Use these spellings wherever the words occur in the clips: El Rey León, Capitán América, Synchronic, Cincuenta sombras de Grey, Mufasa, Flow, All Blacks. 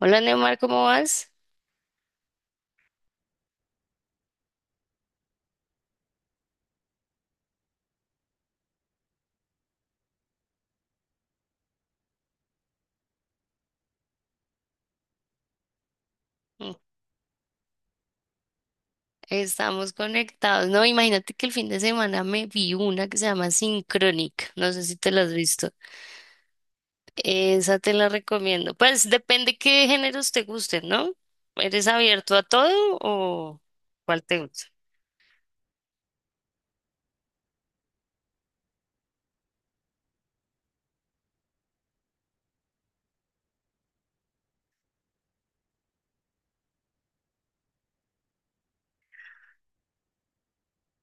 Hola Neymar, ¿cómo vas? Mm, estamos conectados. No, imagínate que el fin de semana me vi una que se llama Synchronic. No sé si te la has visto. Esa te la recomiendo. Pues depende qué géneros te gusten, ¿no? ¿Eres abierto a todo o cuál te gusta?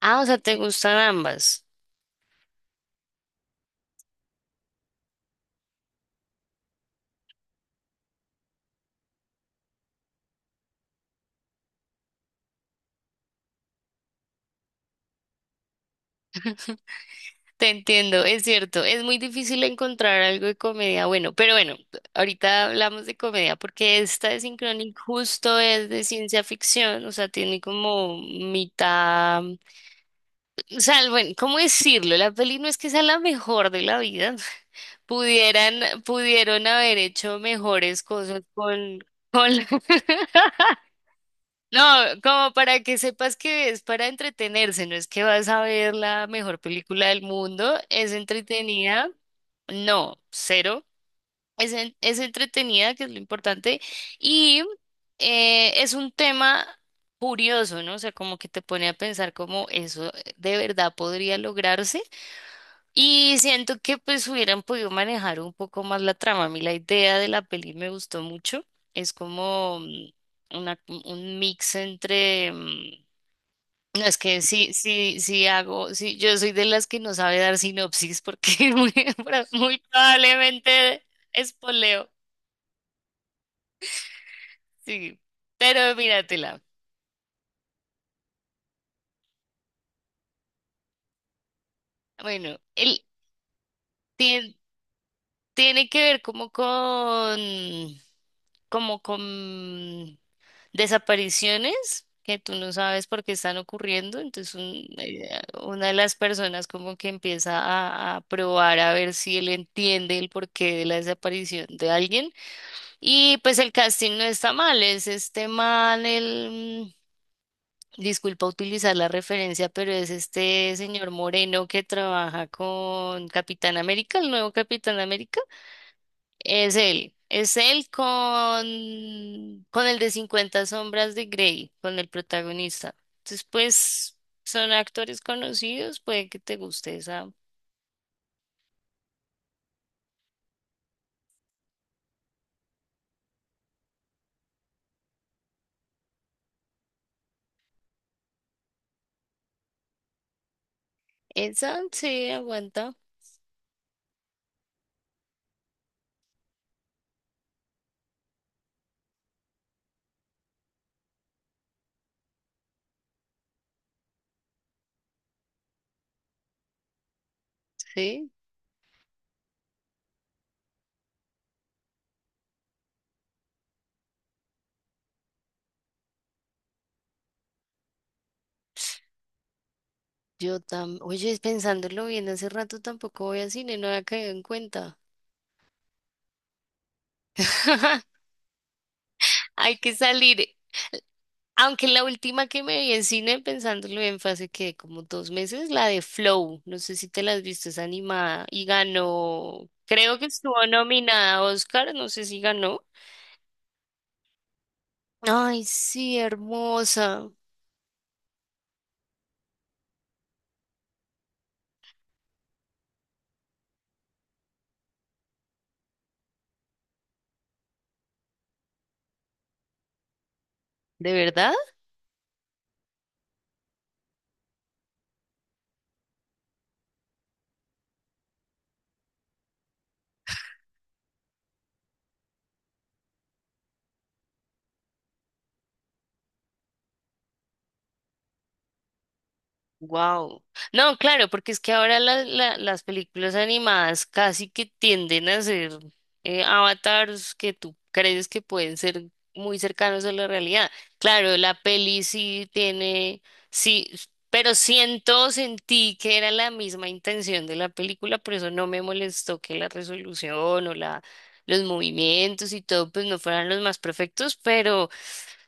Ah, o sea, te gustan ambas. Te entiendo, es cierto, es muy difícil encontrar algo de comedia bueno, pero bueno, ahorita hablamos de comedia porque esta de Synchronic justo es de ciencia ficción, o sea, tiene como mitad, o sea, bueno, ¿cómo decirlo? La peli no es que sea la mejor de la vida, pudieron haber hecho mejores cosas con no, como para que sepas que es para entretenerse, no es que vas a ver la mejor película del mundo, es entretenida, no, cero, es entretenida, que es lo importante, y es un tema curioso, ¿no? O sea, como que te pone a pensar cómo eso de verdad podría lograrse. Y siento que pues hubieran podido manejar un poco más la trama. A mí la idea de la peli me gustó mucho. Es como una, un mix entre... no, es que yo soy de las que no sabe dar sinopsis porque muy probablemente espoleo, sí, pero míratela. Bueno, el, tiene que ver como con desapariciones que tú no sabes por qué están ocurriendo. Entonces una de las personas como que empieza a probar a ver si él entiende el porqué de la desaparición de alguien. Y pues el casting no está mal, es este man, disculpa utilizar la referencia, pero es este señor Moreno que trabaja con Capitán América, el nuevo Capitán América. Es él con el de cincuenta sombras de Grey, con el protagonista. Entonces, pues, son actores conocidos, puede que te guste esa. Esa, sí, aguanta, sí. Oye, pensándolo bien, hace rato tampoco voy a cine, no había caído en cuenta. Hay que salir. Aunque la última que me vi en cine, pensándolo bien, fue hace que como 2 meses, la de Flow. No sé si te la has visto, es animada y ganó. Creo que estuvo nominada a Oscar, no sé si ganó. Ay, sí, hermosa. ¿De verdad? Wow. No, claro, porque es que ahora las películas animadas casi que tienden a ser avatars que tú crees que pueden ser muy cercanos a la realidad. Claro, la peli sí tiene, sí, pero sentí que era la misma intención de la película, por eso no me molestó que la resolución o la, los movimientos y todo, pues no fueran los más perfectos, pero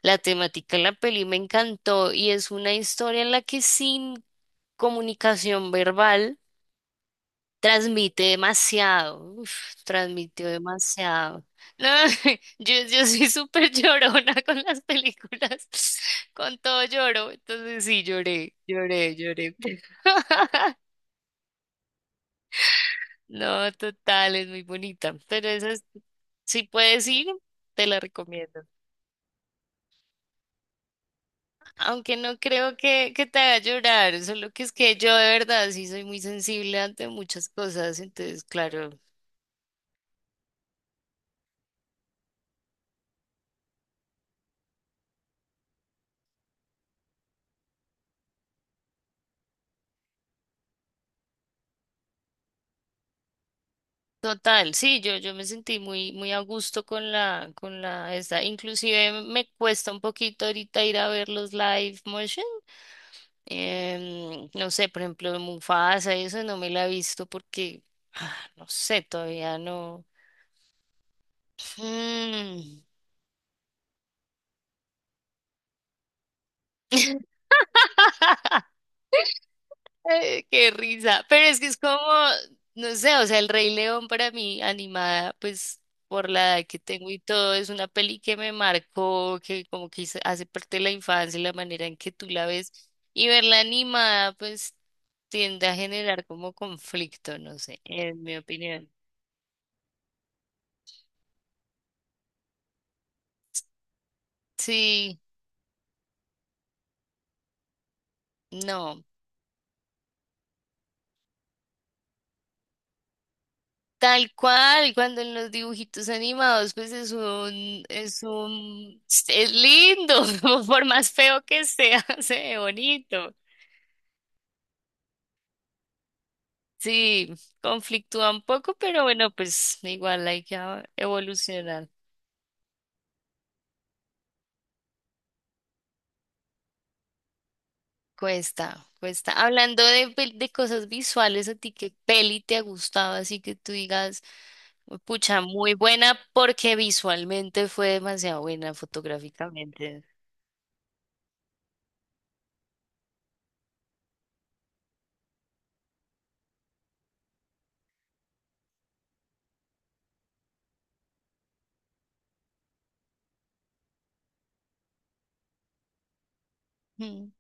la temática de la peli me encantó y es una historia en la que sí comunicación verbal transmite demasiado, uf, transmitió demasiado. No, yo soy súper llorona con las películas, con todo lloro, entonces sí, lloré, lloré, lloré. No, total, es muy bonita, pero esa es- si puedes ir, te la recomiendo. Aunque no creo que te haga llorar, solo que es que yo de verdad sí soy muy sensible ante muchas cosas, entonces claro. Total, sí, yo me sentí muy a gusto inclusive me cuesta un poquito ahorita ir a ver los live motion, no sé, por ejemplo, Mufasa, eso no me la he visto porque, ah, no sé, todavía no. Mm. Ay, qué risa. Pero es que es como, no sé, o sea, El Rey León para mí, animada, pues por la edad que tengo y todo, es una peli que me marcó, que como que hizo- hace parte de la infancia y la manera en que tú la ves. Y verla animada, pues tiende a generar como conflicto, no sé, en mi opinión. Sí, no. Tal cual, cuando en los dibujitos animados, pues es un, es lindo, por más feo que sea, se ve bonito. Sí, conflictúa un poco, pero bueno, pues igual hay que a- evolucionar. Cuesta, cuesta. Hablando de, pel- de cosas visuales, ¿a ti qué peli te ha gustado? Así que tú digas, pucha, muy buena porque visualmente fue demasiado buena fotográficamente. Mm,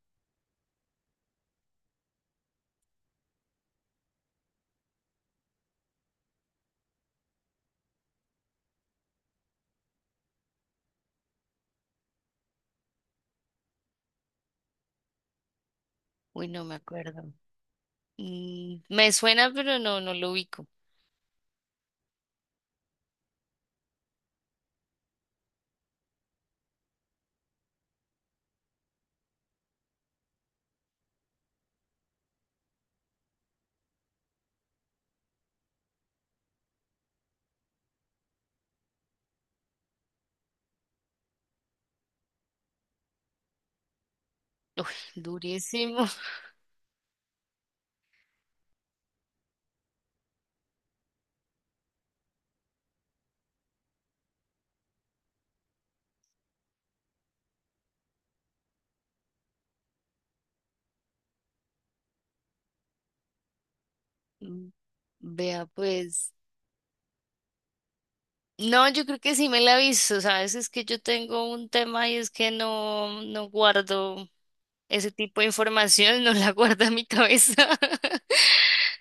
uy, no me acuerdo. Mm, me suena, pero no, no lo ubico. Uy, durísimo. Mm, vea, pues. No, yo creo que sí me la aviso, ¿sabes? Es que yo tengo un tema y es que no, no guardo ese tipo de información, no la guardo en mi cabeza.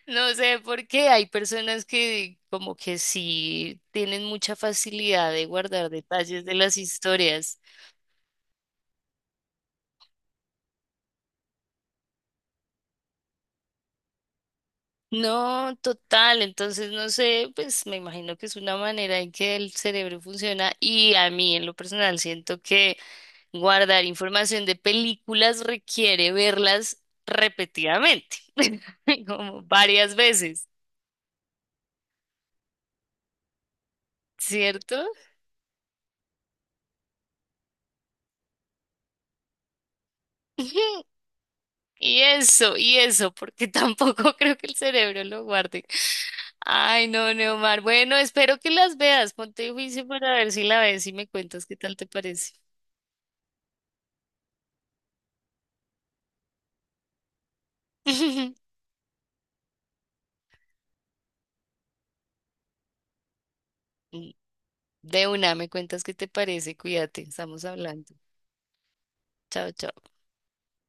No sé por qué hay personas que como que sí tienen mucha facilidad de guardar detalles de las historias. No, total. Entonces, no sé, pues me imagino que es una manera en que el cerebro funciona y a mí en lo personal siento que guardar información de películas requiere verlas repetidamente, como varias veces, ¿cierto? Ujú. Y eso, porque tampoco creo que el cerebro lo guarde. Ay, no, Neomar. Bueno, espero que las veas. Ponte juicio para ver si la ves y me cuentas qué tal te parece. De una, me cuentas qué te parece, cuídate, estamos hablando. Chao, chao.